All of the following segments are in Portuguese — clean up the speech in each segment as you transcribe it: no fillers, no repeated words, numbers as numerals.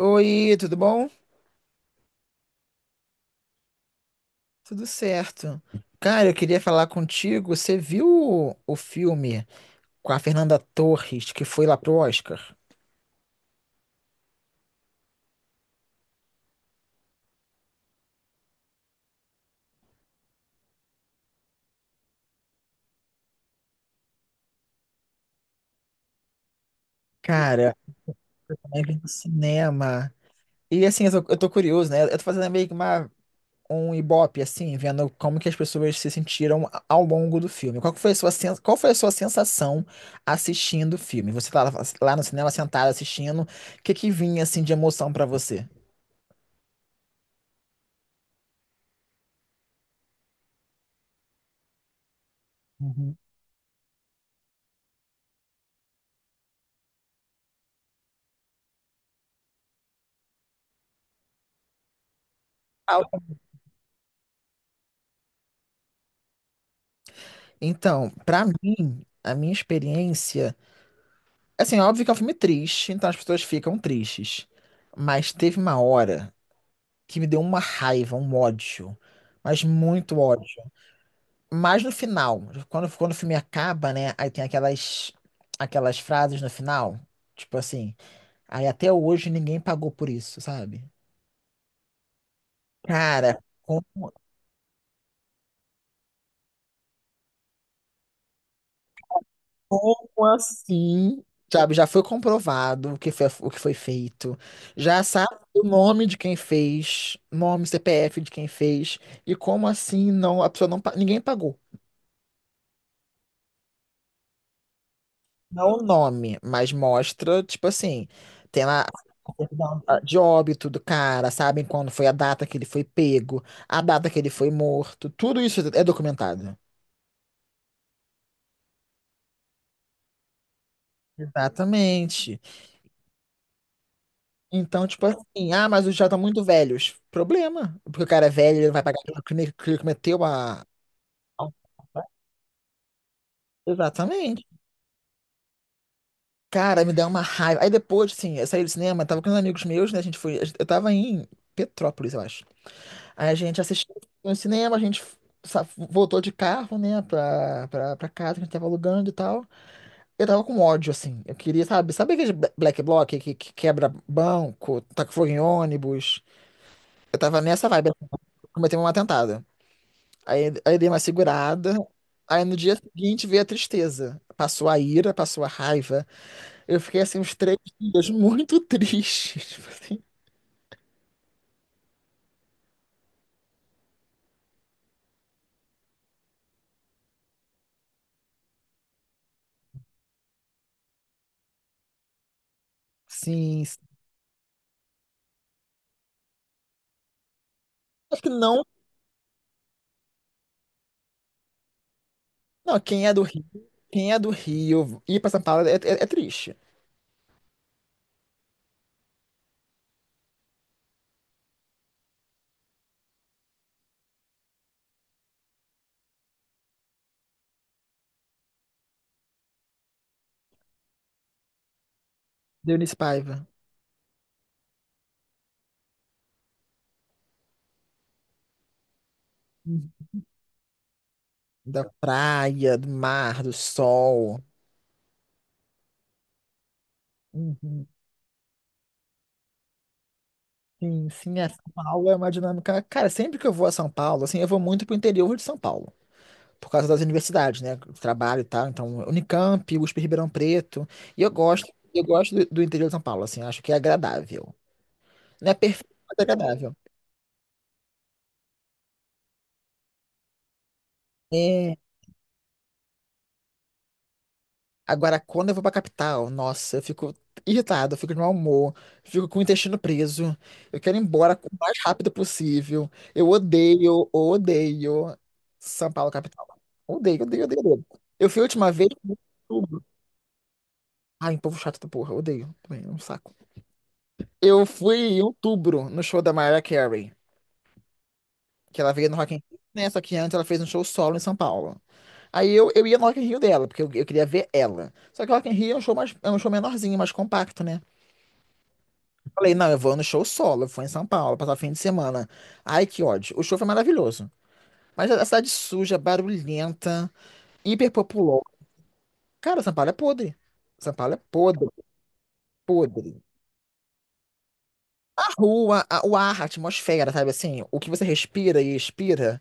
Oi, tudo bom? Tudo certo. Cara, eu queria falar contigo. Você viu o filme com a Fernanda Torres que foi lá pro Oscar? Cara, como é que é no cinema? E assim, eu tô curioso, né? Eu tô fazendo meio que um ibope, assim, vendo como que as pessoas se sentiram ao longo do filme. Qual que foi qual foi a sua sensação assistindo o filme? Você tá lá, lá no cinema sentado assistindo, o que que vinha assim de emoção pra você? Uhum. Ah, então, pra mim, a minha experiência. Assim, óbvio que é um filme triste, então as pessoas ficam tristes. Mas teve uma hora que me deu uma raiva, um ódio. Mas muito ódio. Mas no final, quando o filme acaba, né? Aí tem aquelas frases no final. Tipo assim, aí até hoje ninguém pagou por isso, sabe? Cara, como assim? Sabe, já foi comprovado o que foi feito. Já sabe o nome de quem fez, nome, CPF de quem fez. E como assim não, a pessoa não, pa- ninguém pagou. Não o nome, mas mostra, tipo assim, tem lá a certidão de óbito do cara, sabem quando foi a data que ele foi pego, a data que ele foi morto. Tudo isso é documentado. Exatamente. Então, tipo assim, ah, mas os já estão muito velhos. Problema. Porque o cara é velho, ele não vai pagar pelo crime que ele cometeu a- exatamente. Cara, me deu uma raiva. Aí depois, assim, eu saí do cinema, tava com uns amigos meus, né? A gente foi. Eu tava em Petrópolis, eu acho. Aí a gente assistiu no cinema, a gente voltou de carro, né, pra casa que a gente tava alugando e tal. Eu tava com ódio, assim. Eu queria, sabe, sabe aquele black bloc que quebra banco, taca fogo em ônibus? Eu tava nessa vibe, assim, cometeu um atentado. Aí dei uma segurada. Aí no dia seguinte veio a tristeza. Passou a ira, passou a raiva. Eu fiquei assim uns três dias muito triste. Tipo assim. Sim, sim. Acho que não. Não, quem é do Rio, ir pra São Paulo é triste. Do Eunice Paiva. Uhum. Da praia, do mar, do sol. Uhum. Sim, sim, é, São Paulo é uma dinâmica. Cara, sempre que eu vou a São Paulo, assim, eu vou muito pro interior de São Paulo. Por causa das universidades, né? Trabalho e tal. Então, Unicamp, USP Ribeirão Preto. E eu gosto do interior de São Paulo, assim, acho que é agradável. Não é perfeito, mas é agradável. É, agora, quando eu vou pra capital, nossa, eu fico irritado, eu fico de mau humor, fico com o intestino preso. Eu quero ir embora o mais rápido possível. Eu odeio, odeio São Paulo capital. Odeio, odeio, odeio, odeio. Eu fui a última vez em outubro. Ai, povo chato da porra, odeio. Também, é um saco. Eu fui em outubro no show da Mariah Carey, que ela veio no Rock in Rio, né? Só que antes ela fez um show solo em São Paulo. Aí eu ia no Rock in Rio dela, porque eu queria ver ela. Só que o Rock in Rio é é um show menorzinho, mais compacto, né? Falei, não, eu vou no show solo, eu fui em São Paulo, passar o fim de semana. Ai, que ódio. O show foi maravilhoso. Mas a cidade suja, barulhenta, hiper. Cara, São Paulo é podre. São Paulo é podre, podre. A rua, o ar, a atmosfera, sabe assim? O que você respira e expira.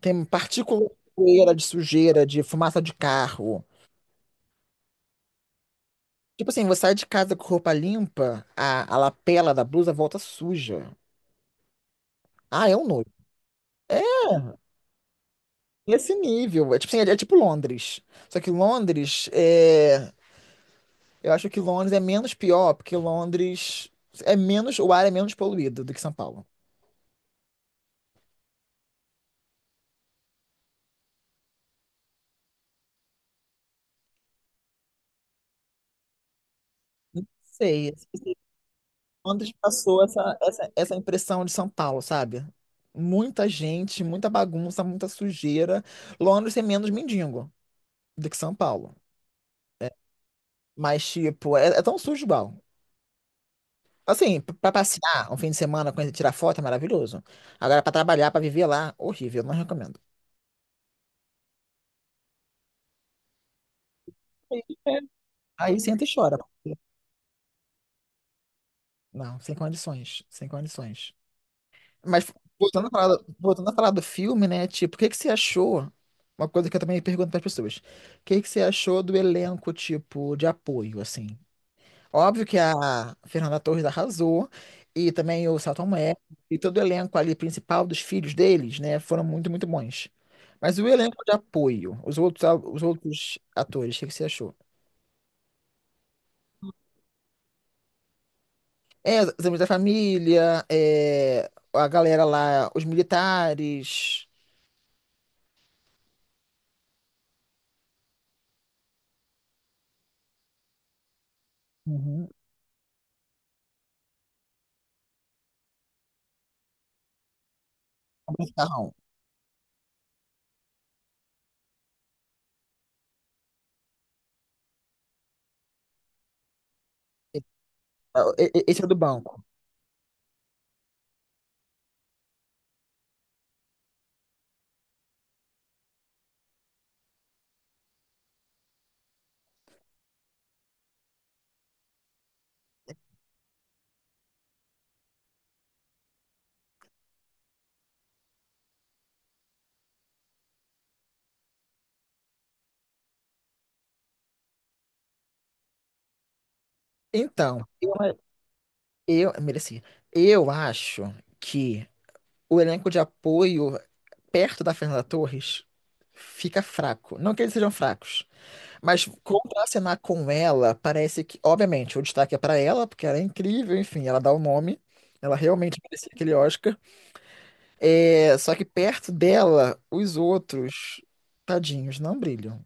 Tem partícula de poeira, de sujeira, de fumaça de carro. Tipo assim, você sai de casa com roupa limpa, a lapela da blusa volta suja. Ah, é um nojo. É esse nível. É tipo assim, é, é tipo Londres. Só que Londres é. Eu acho que Londres é menos pior, porque Londres é menos. O ar é menos poluído do que São Paulo. Sei. Londres passou essa impressão de São Paulo, sabe? Muita gente, muita bagunça, muita sujeira. Londres é menos mendigo do que São Paulo. Mas, tipo, é, é tão sujo, bom. Assim, pra passear um fim de semana, conhecer, tirar foto é maravilhoso. Agora, pra trabalhar, pra viver lá, horrível, não recomendo. Aí, é, aí senta e chora. Não, sem condições, sem condições. Mas voltando a falar do filme, né? Tipo, o que que você achou? Uma coisa que eu também pergunto para as pessoas. O que que você achou do elenco, tipo, de apoio, assim? Óbvio que a Fernanda Torres arrasou, e também o Selton Mello, e todo o elenco ali principal dos filhos deles, né, foram muito, muito bons. Mas o elenco de apoio, os outros, os outros atores, o que que você achou? É, os amigos da família, é, a galera lá, os militares. Uhum. O Macarrão. Esse é o do banco. Então, eu merecia. Eu acho que o elenco de apoio perto da Fernanda Torres, fica fraco. Não que eles sejam fracos, mas contracenar com ela parece que, obviamente, o destaque é pra ela, porque ela é incrível, enfim, ela dá o nome. Ela realmente merecia aquele Oscar. É, só que perto dela, os outros, tadinhos, não brilham.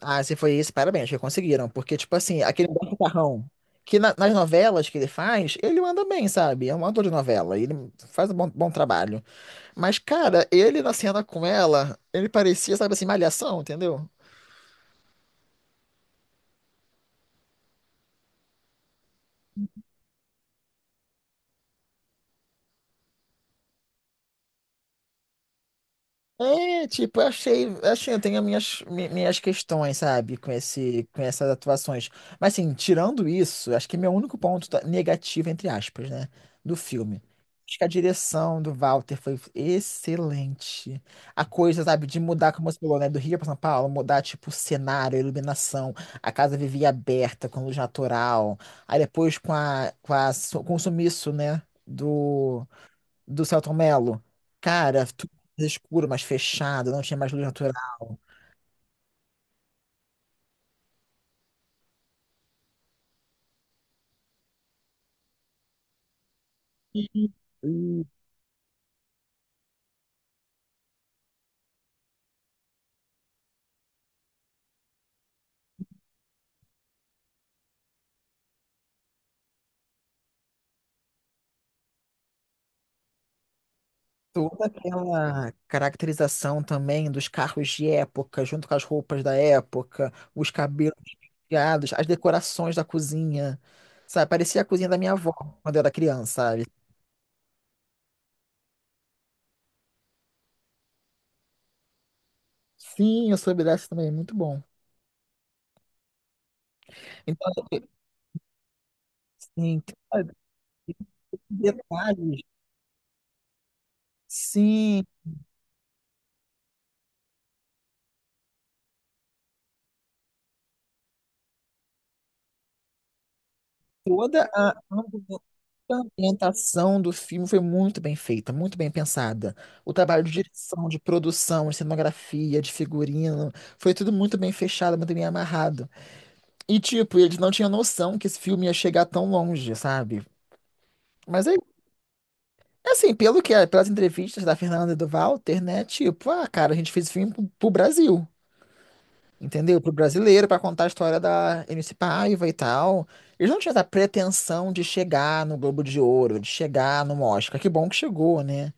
Ah, se foi isso, parabéns, que conseguiram. Porque, tipo assim, aquele Humberto Carrão, que nas novelas que ele faz, ele manda bem, sabe? É um ator de novela, ele faz um bom trabalho. Mas, cara, ele na cena com ela, ele parecia, sabe assim, malhação, entendeu? É, tipo, eu achei, assim, eu tenho minhas questões, sabe, com com essas atuações. Mas, assim, tirando isso, acho que é meu único negativo, entre aspas, né, do filme. Acho que a direção do Walter foi excelente. A coisa, sabe, de mudar, como você falou, né, do Rio para São Paulo, mudar, tipo, o cenário, a iluminação, a casa vivia aberta, com luz natural. Aí depois com o sumiço, né, do, do Celton Mello. Cara, tudo mais escuro, mais fechado, não tinha mais luz natural. E toda aquela caracterização também dos carros de época, junto com as roupas da época, os cabelos penteados, as decorações da cozinha. Sabe, parecia a cozinha da minha avó quando eu era criança, sabe? Sim, eu soube dessa também, muito bom. Então, sim, tem detalhes. Sim, toda a ambientação. A ambientação do filme foi muito bem feita, muito bem pensada. O trabalho de direção, de produção, de cenografia, de figurino, foi tudo muito bem fechado, muito bem amarrado. E, tipo, eles não tinham noção que esse filme ia chegar tão longe, sabe? Mas é assim, pelo que é, pelas entrevistas da Fernanda e do Walter, né? Tipo, ah, cara, a gente fez o filme pro Brasil, entendeu? Pro brasileiro, pra contar a história da MC Paiva e tal. Eles não tinham essa pretensão de chegar no Globo de Ouro, de chegar no Oscar. Que bom que chegou, né?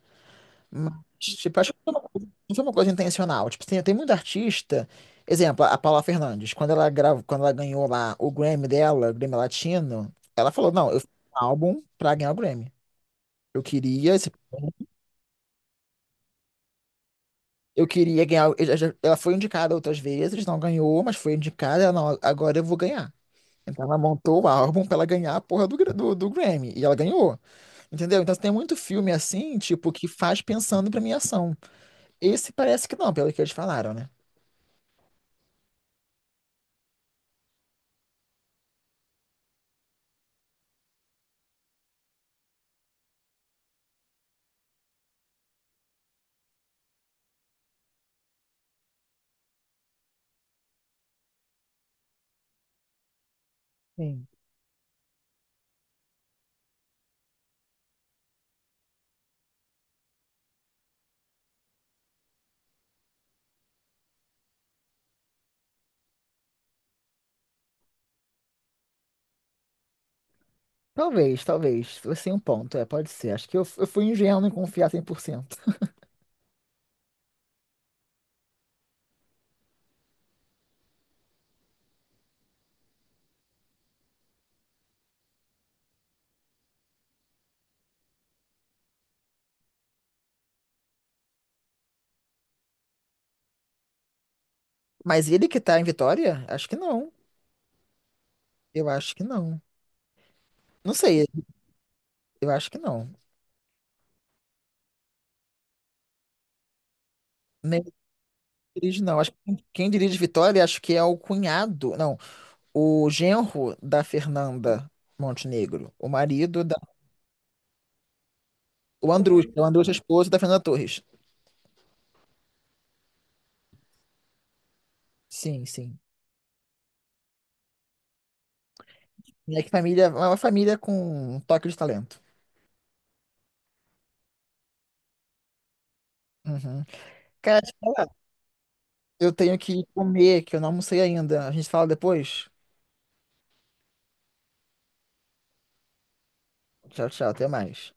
Mas, tipo, acho que não foi uma coisa intencional. Tipo, tem muito artista. Exemplo, a Paula Fernandes, quando ela grava, quando ela ganhou lá o Grammy dela, o Grammy Latino, ela falou: Não, eu fiz um álbum pra ganhar o Grammy. Eu queria, eu queria ganhar. Ela ela foi indicada outras vezes, não ganhou, mas foi indicada. Ela, não, agora eu vou ganhar. Então ela montou o álbum pra ela ganhar a porra do Grammy. E ela ganhou. Entendeu? Então tem muito filme assim, tipo, que faz pensando em premiação. Esse parece que não, pelo que eles falaram, né? Sim. Talvez, talvez. Você tem um ponto, é, pode ser. Acho que eu fui ingênuo em confiar cem por cento. Mas ele que tá em Vitória? Acho que não. Eu acho que não. Não sei, eu acho que não. Nem dirige, não. Acho que quem dirige Vitória, acho que é o cunhado, não, o genro da Fernanda Montenegro, o marido da. O Andrus é esposo da Fernanda Torres. Sim, sim. Minha família é uma família com um toque de talento. Uhum. Cara, deixa eu falar, eu tenho que comer, que eu não almocei ainda. A gente fala depois. Tchau, tchau, até mais.